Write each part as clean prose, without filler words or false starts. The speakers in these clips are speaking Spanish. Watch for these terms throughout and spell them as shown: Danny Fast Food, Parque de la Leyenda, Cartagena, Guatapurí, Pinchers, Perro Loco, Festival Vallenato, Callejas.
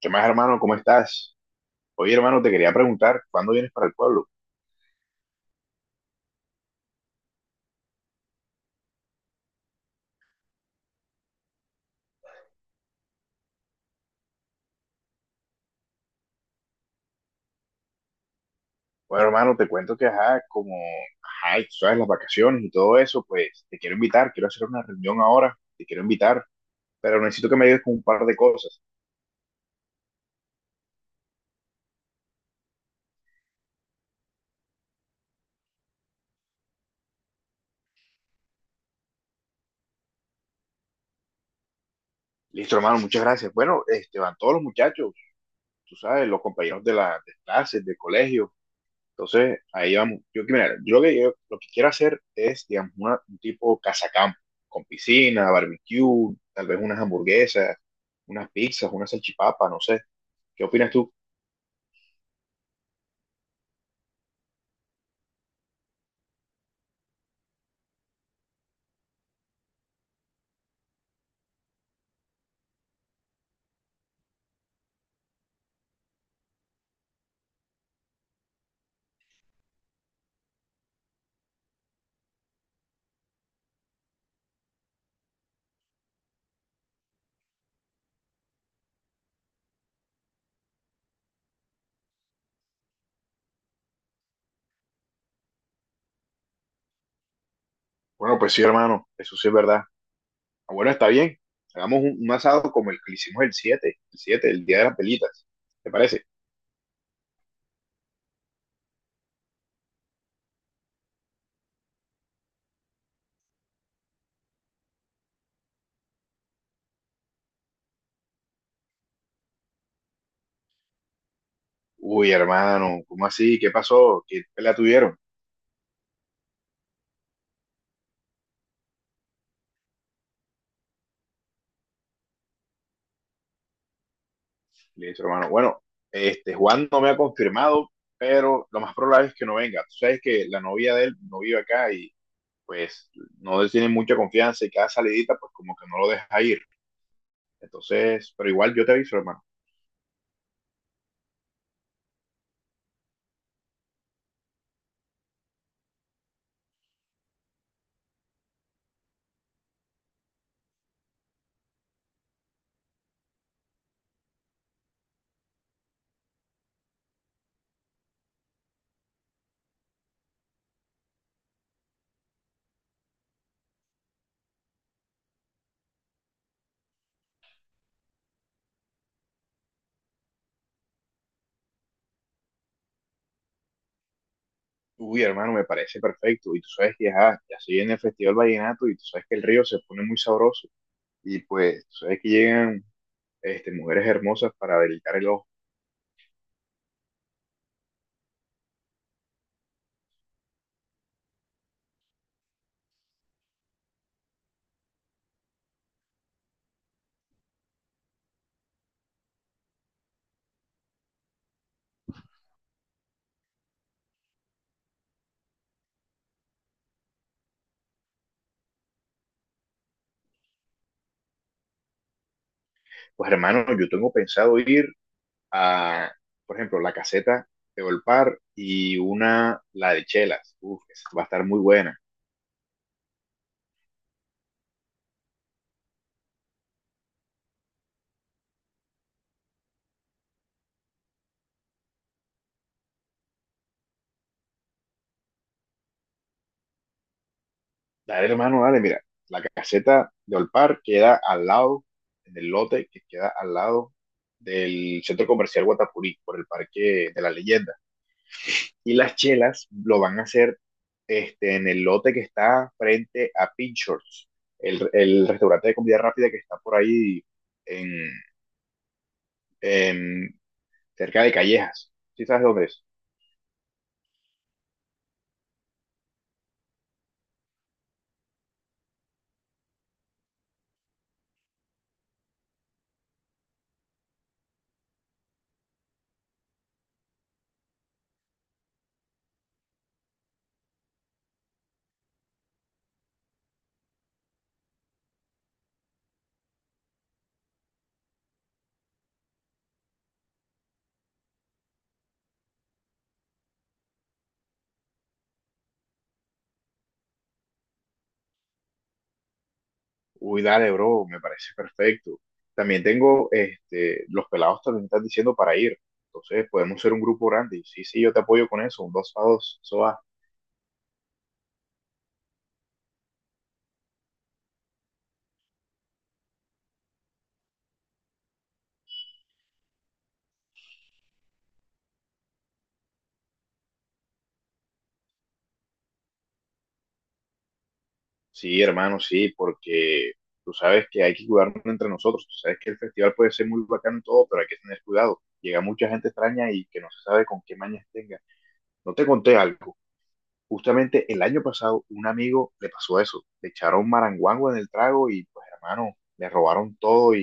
¿Qué más, hermano? ¿Cómo estás? Oye, hermano, te quería preguntar, ¿cuándo vienes para el pueblo? Bueno, hermano, te cuento que, ajá, como, ajá, y tú sabes, las vacaciones y todo eso, pues te quiero invitar, quiero hacer una reunión ahora, te quiero invitar, pero necesito que me ayudes con un par de cosas. Listo, hermano, muchas gracias. Bueno, este, van todos los muchachos, tú sabes, los compañeros de las clases, del colegio. Entonces, ahí vamos. Yo, que- mira, yo lo que quiero hacer es, digamos, un tipo casacampo, con piscina, barbecue, tal vez unas hamburguesas, unas pizzas, unas salchipapa, no sé. ¿Qué opinas tú? Bueno, pues sí, hermano, eso sí es verdad. Ah, bueno, está bien. Hagamos un asado como el que le hicimos el siete el día de las pelitas. ¿Te parece? Uy, hermano, ¿cómo así? ¿Qué pasó? ¿Qué pelea tuvieron? Listo, hermano. Bueno, este Juan no me ha confirmado, pero lo más probable es que no venga. Tú sabes que la novia de él no vive acá y pues no le tiene mucha confianza y cada salidita pues como que no lo deja ir. Entonces, pero igual yo te aviso, hermano. Uy, hermano, me parece perfecto. Y tú sabes que ajá, ya se viene el Festival Vallenato y tú sabes que el río se pone muy sabroso. Y pues, tú sabes que llegan este, mujeres hermosas para deleitar el ojo. Pues, hermano, yo tengo pensado ir a, por ejemplo, la caseta de Olpar y la de Chelas. Uf, esa va a estar muy buena. Dale, hermano, dale, mira. La caseta de Olpar queda al lado, en el lote que queda al lado del centro comercial Guatapurí, por el Parque de la Leyenda. Y las chelas lo van a hacer este, en el lote que está frente a Pinchers, el restaurante de comida rápida que está por ahí en, en- cerca de Callejas. ¿Sí sabes dónde es? Uy, dale, bro, me parece perfecto. También tengo, este, los pelados también están diciendo para ir. Entonces, podemos ser un grupo grande. Y sí, sí, yo te apoyo con eso, un dos a dos, eso va. Sí, hermano, sí, porque tú sabes que hay que cuidarnos entre nosotros. Tú sabes que el festival puede ser muy bacano y todo, pero hay que tener cuidado. Llega mucha gente extraña y que no se sabe con qué mañas tenga. No te conté algo. Justamente el año pasado, un amigo le pasó eso. Le echaron maranguango en el trago y, pues, hermano, le robaron todo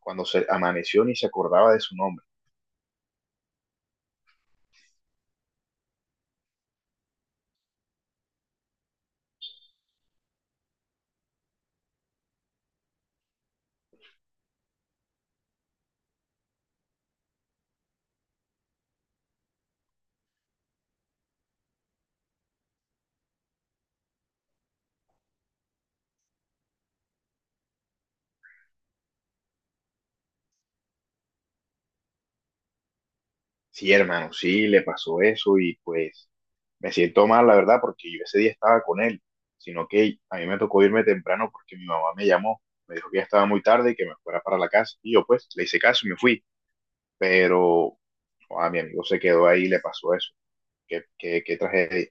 cuando se amaneció ni se acordaba de su nombre. Sí, hermano, sí, le pasó eso y pues me siento mal, la verdad, porque yo ese día estaba con él, sino que a mí me tocó irme temprano porque mi mamá me llamó, me dijo que ya estaba muy tarde y que me fuera para la casa. Y yo pues le hice caso y me fui, pero no, a mi amigo se quedó ahí y le pasó eso. ¿Qué tragedia?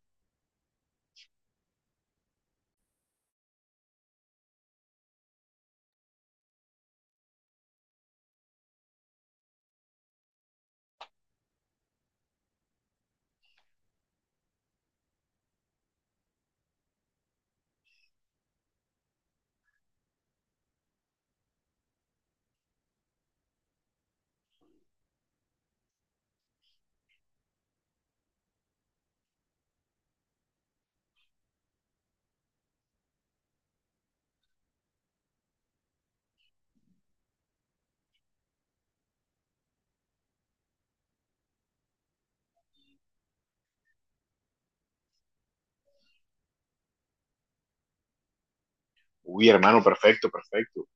Uy, hermano, perfecto, perfecto.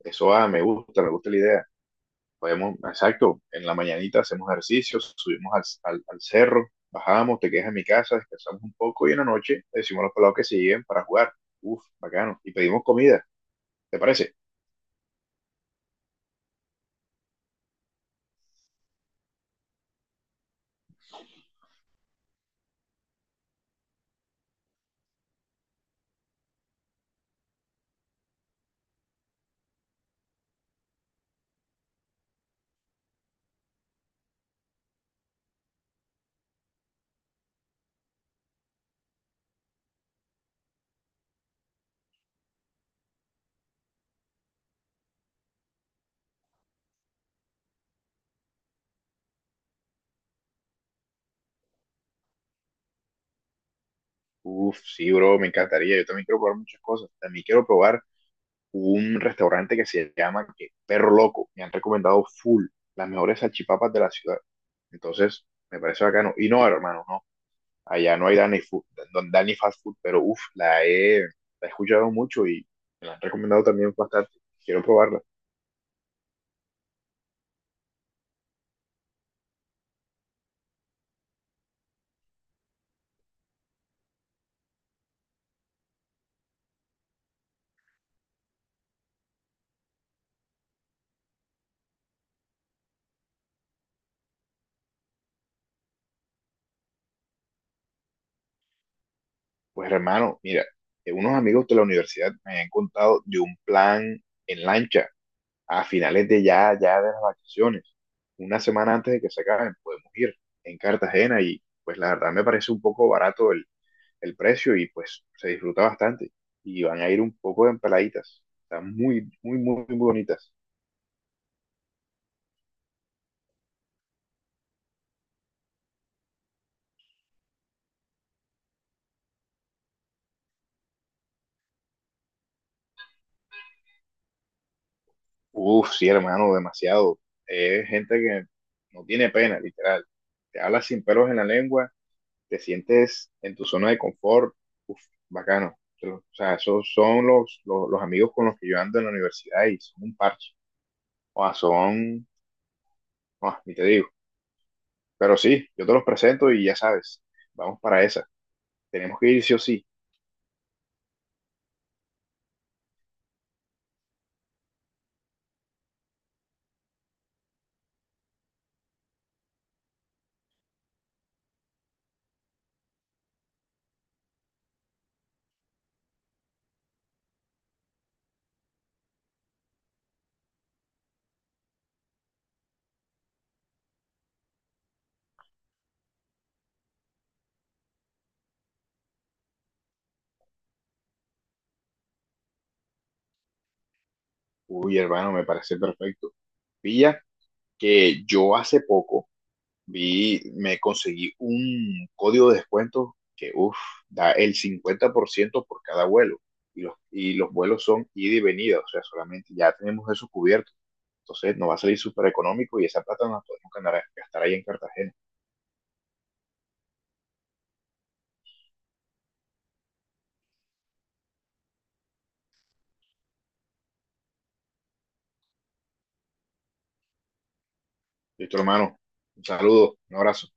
Eso ah, me gusta la idea. Podemos, exacto, en la mañanita hacemos ejercicios, subimos al cerro, bajamos, te quedas en mi casa, descansamos un poco y en la noche le decimos a los pelados que se lleguen para jugar. Uf, bacano. Y pedimos comida, ¿te parece? Uf, sí, bro, me encantaría. Yo también quiero probar muchas cosas. También quiero probar un restaurante que se llama Perro Loco. Me han recomendado full las mejores salchipapas de la ciudad. Entonces, me parece bacano. Y no, hermano, no. Allá no hay Dani food no- Danny Fast Food, pero uff, la he escuchado mucho y me la han recomendado también bastante. Quiero probarla. Pues hermano, mira, unos amigos de la universidad me han contado de un plan en lancha a finales de ya de las vacaciones. Una semana antes de que se acaben, podemos ir en Cartagena y pues la verdad me parece un poco barato el precio y pues se disfruta bastante. Y van a ir un poco en peladitas. Están muy bonitas. Uf, sí, hermano, demasiado. Es gente que no tiene pena, literal. Te hablas sin pelos en la lengua, te sientes en tu zona de confort. Uf, bacano. Pero, o sea, esos son los amigos con los que yo ando en la universidad y son un parche. O sea, son, ah, ni te digo. Pero sí, yo te los presento y ya sabes, vamos para esa. Tenemos que ir sí o sí. Uy, hermano, me parece perfecto. Pilla que yo hace poco. Vi, me conseguí un código de descuento que, uff, da el 50 por ciento por cada vuelo. Y los vuelos son ida y venida, o sea, solamente ya tenemos eso cubierto. Entonces nos va a salir súper económico y esa plata nos la podemos gastar ahí en Cartagena. Listo, hermano. Un saludo, un abrazo.